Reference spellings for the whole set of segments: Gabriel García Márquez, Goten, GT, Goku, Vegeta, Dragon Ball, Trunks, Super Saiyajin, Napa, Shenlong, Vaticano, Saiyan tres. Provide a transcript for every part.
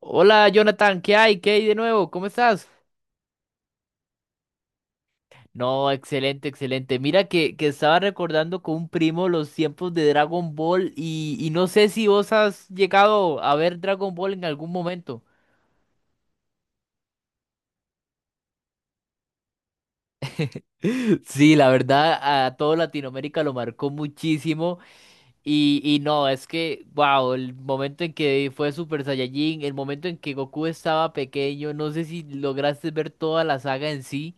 Hola Jonathan, ¿qué hay? ¿Qué hay de nuevo? ¿Cómo estás? No, excelente, excelente. Mira que estaba recordando con un primo los tiempos de Dragon Ball y no sé si vos has llegado a ver Dragon Ball en algún momento. Sí, la verdad, a todo Latinoamérica lo marcó muchísimo. Y no, es que, wow, el momento en que fue Super Saiyajin, el momento en que Goku estaba pequeño, no sé si lograste ver toda la saga en sí.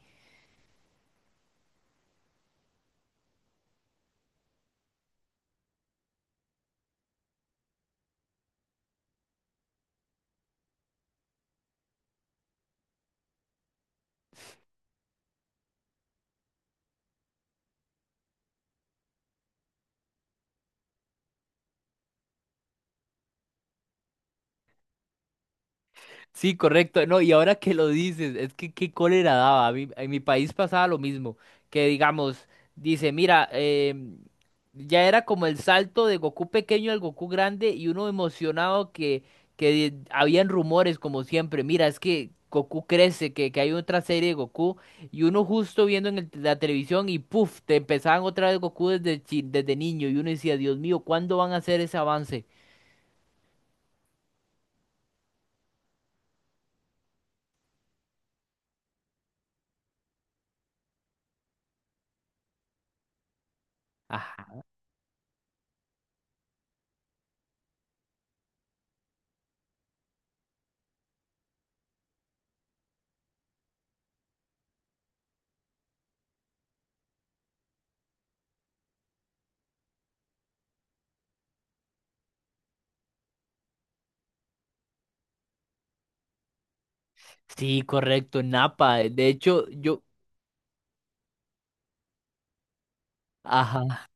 Sí, correcto. No, y ahora que lo dices, es que qué cólera daba. En mi país pasaba lo mismo. Que digamos, dice, mira, ya era como el salto de Goku pequeño al Goku grande y uno emocionado que habían rumores como siempre. Mira, es que Goku crece, que hay otra serie de Goku y uno justo viendo en la televisión y puff, te empezaban otra vez Goku desde, desde niño y uno decía, Dios mío, ¿cuándo van a hacer ese avance? Ajá. Sí, correcto, Napa. De hecho, yo, ajá,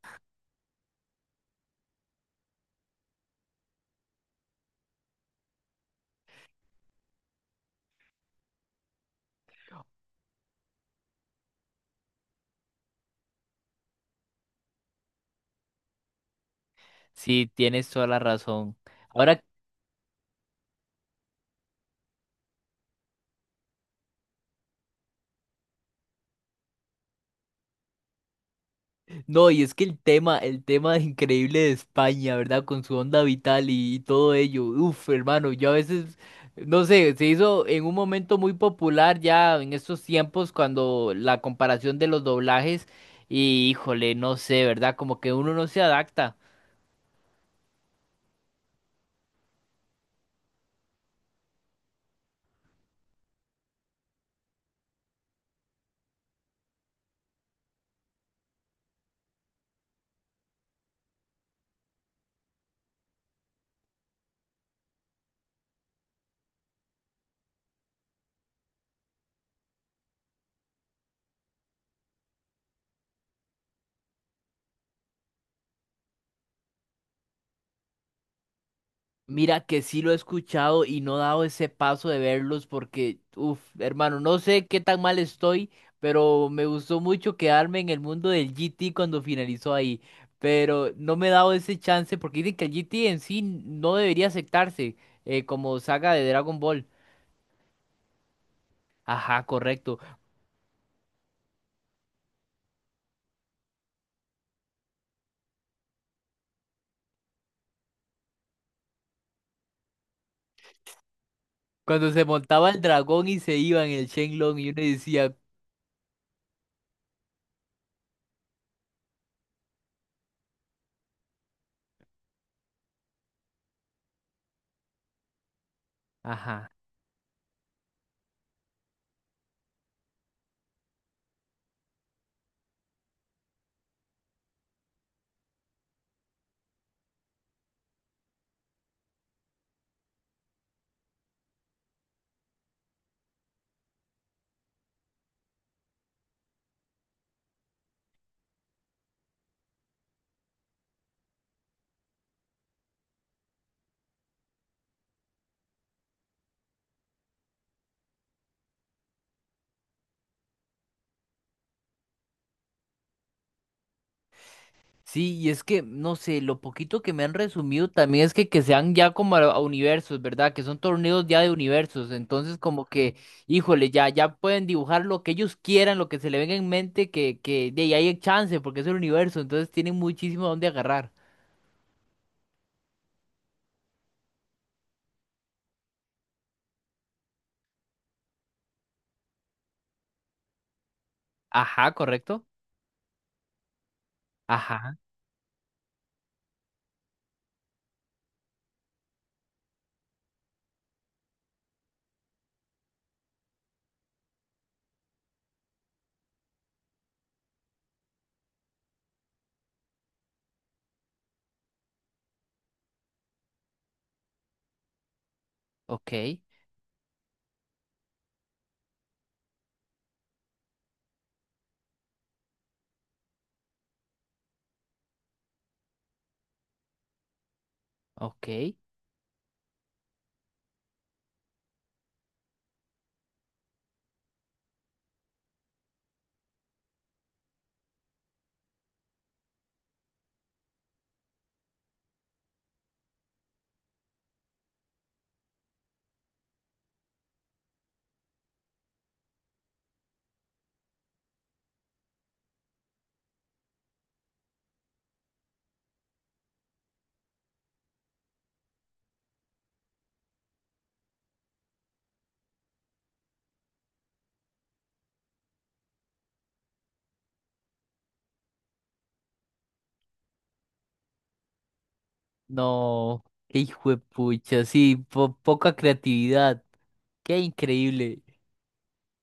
sí, tienes toda la razón. Ahora, no, y es que el tema increíble de España, ¿verdad? Con su onda vital y todo ello. Uf, hermano, yo a veces, no sé, se hizo en un momento muy popular ya en estos tiempos cuando la comparación de los doblajes y híjole, no sé, ¿verdad? Como que uno no se adapta. Mira que sí lo he escuchado y no he dado ese paso de verlos porque, uff, hermano, no sé qué tan mal estoy, pero me gustó mucho quedarme en el mundo del GT cuando finalizó ahí. Pero no me he dado ese chance porque dicen que el GT en sí no debería aceptarse como saga de Dragon Ball. Ajá, correcto. Cuando se montaba el dragón y se iba en el Shenlong y uno decía, ajá. Sí, y es que, no sé, lo poquito que me han resumido también es que sean ya como a universos, ¿verdad? Que son torneos ya de universos. Entonces, como que, híjole, ya pueden dibujar lo que ellos quieran, lo que se le venga en mente, que de ahí hay chance, porque es el universo. Entonces tienen muchísimo donde agarrar. Ajá, correcto. Ajá, ok, ok. No, qué hijo de pucha, sí, poca creatividad. Qué increíble.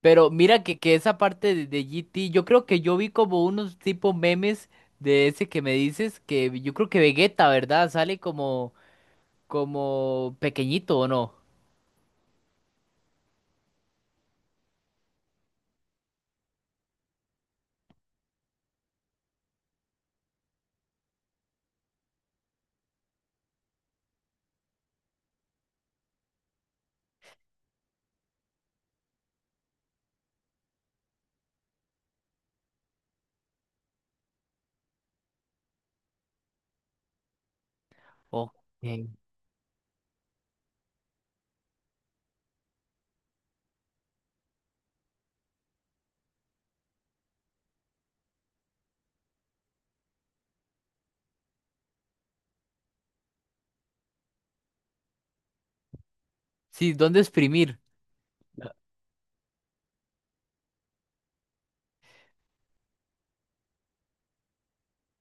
Pero mira que esa parte de GT yo creo que yo vi como unos tipo memes de ese que me dices, que yo creo que Vegeta, ¿verdad? Sale como, como pequeñito, ¿o no? Ok. Sí, ¿dónde exprimir?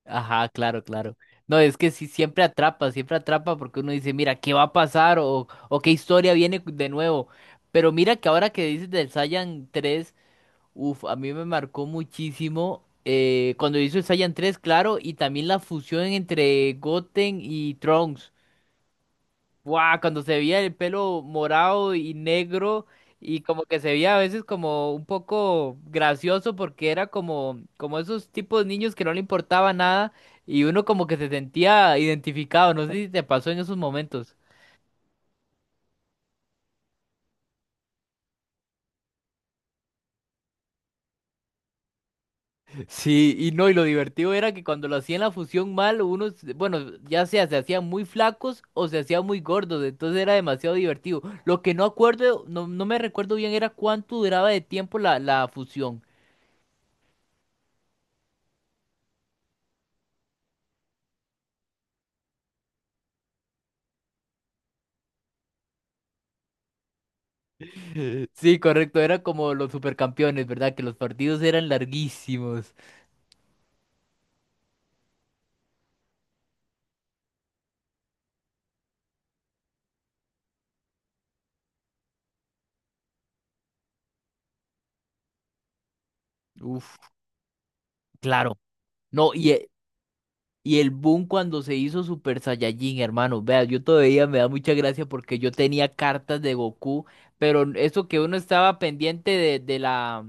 Ajá, claro, claro. No, es que sí, siempre atrapa porque uno dice, mira, ¿qué va a pasar? O qué historia viene de nuevo. Pero mira que ahora que dices del Saiyan tres, uf, a mí me marcó muchísimo cuando hizo el Saiyan tres claro, y también la fusión entre Goten y Trunks. Guau, cuando se veía el pelo morado y negro y como que se veía a veces como un poco gracioso porque era como, como esos tipos de niños que no le importaba nada y uno como que se sentía identificado. No sé si te pasó en esos momentos. Sí, y no, y lo divertido era que cuando lo hacían la fusión mal, unos, bueno, ya sea se hacían muy flacos o se hacían muy gordos, entonces era demasiado divertido. Lo que no acuerdo, no me recuerdo bien era cuánto duraba de tiempo la fusión. Sí, correcto, era como los supercampeones, ¿verdad? Que los partidos eran larguísimos. Uf, claro. No, y el boom cuando se hizo Super Saiyajin, hermano. Vea, yo todavía me da mucha gracia porque yo tenía cartas de Goku, pero eso que uno estaba pendiente de, de la,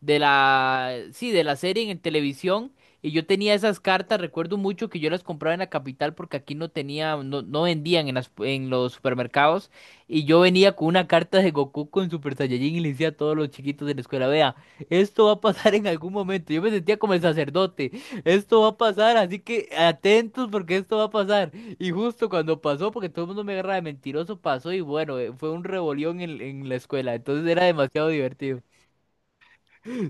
de la, sí, de la serie en televisión. Y yo tenía esas cartas, recuerdo mucho que yo las compraba en la capital porque aquí no tenía, no vendían en las, en los supermercados. Y yo venía con una carta de Goku con Super Saiyajin y le decía a todos los chiquitos de la escuela, vea, esto va a pasar en algún momento. Yo me sentía como el sacerdote. Esto va a pasar, así que atentos porque esto va a pasar. Y justo cuando pasó, porque todo el mundo me agarra de mentiroso, pasó y bueno, fue un rebolión en la escuela. Entonces era demasiado divertido.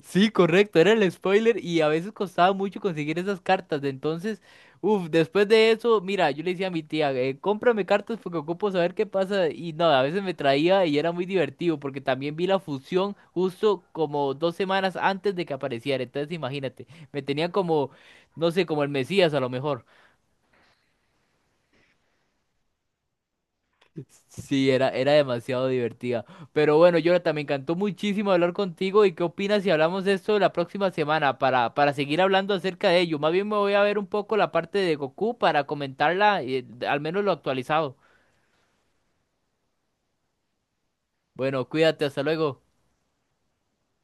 Sí, correcto, era el spoiler y a veces costaba mucho conseguir esas cartas. Entonces, uff, después de eso, mira, yo le decía a mi tía, cómprame cartas porque ocupo saber qué pasa. Y no, a veces me traía y era muy divertido porque también vi la fusión justo como 2 semanas antes de que apareciera. Entonces, imagínate, me tenía como, no sé, como el Mesías a lo mejor. Sí, era, era demasiado divertida. Pero bueno, Jonathan, me encantó muchísimo hablar contigo. ¿Y qué opinas si hablamos de esto la próxima semana para seguir hablando acerca de ello? Más bien me voy a ver un poco la parte de Goku para comentarla, al menos lo actualizado. Bueno, cuídate, hasta luego.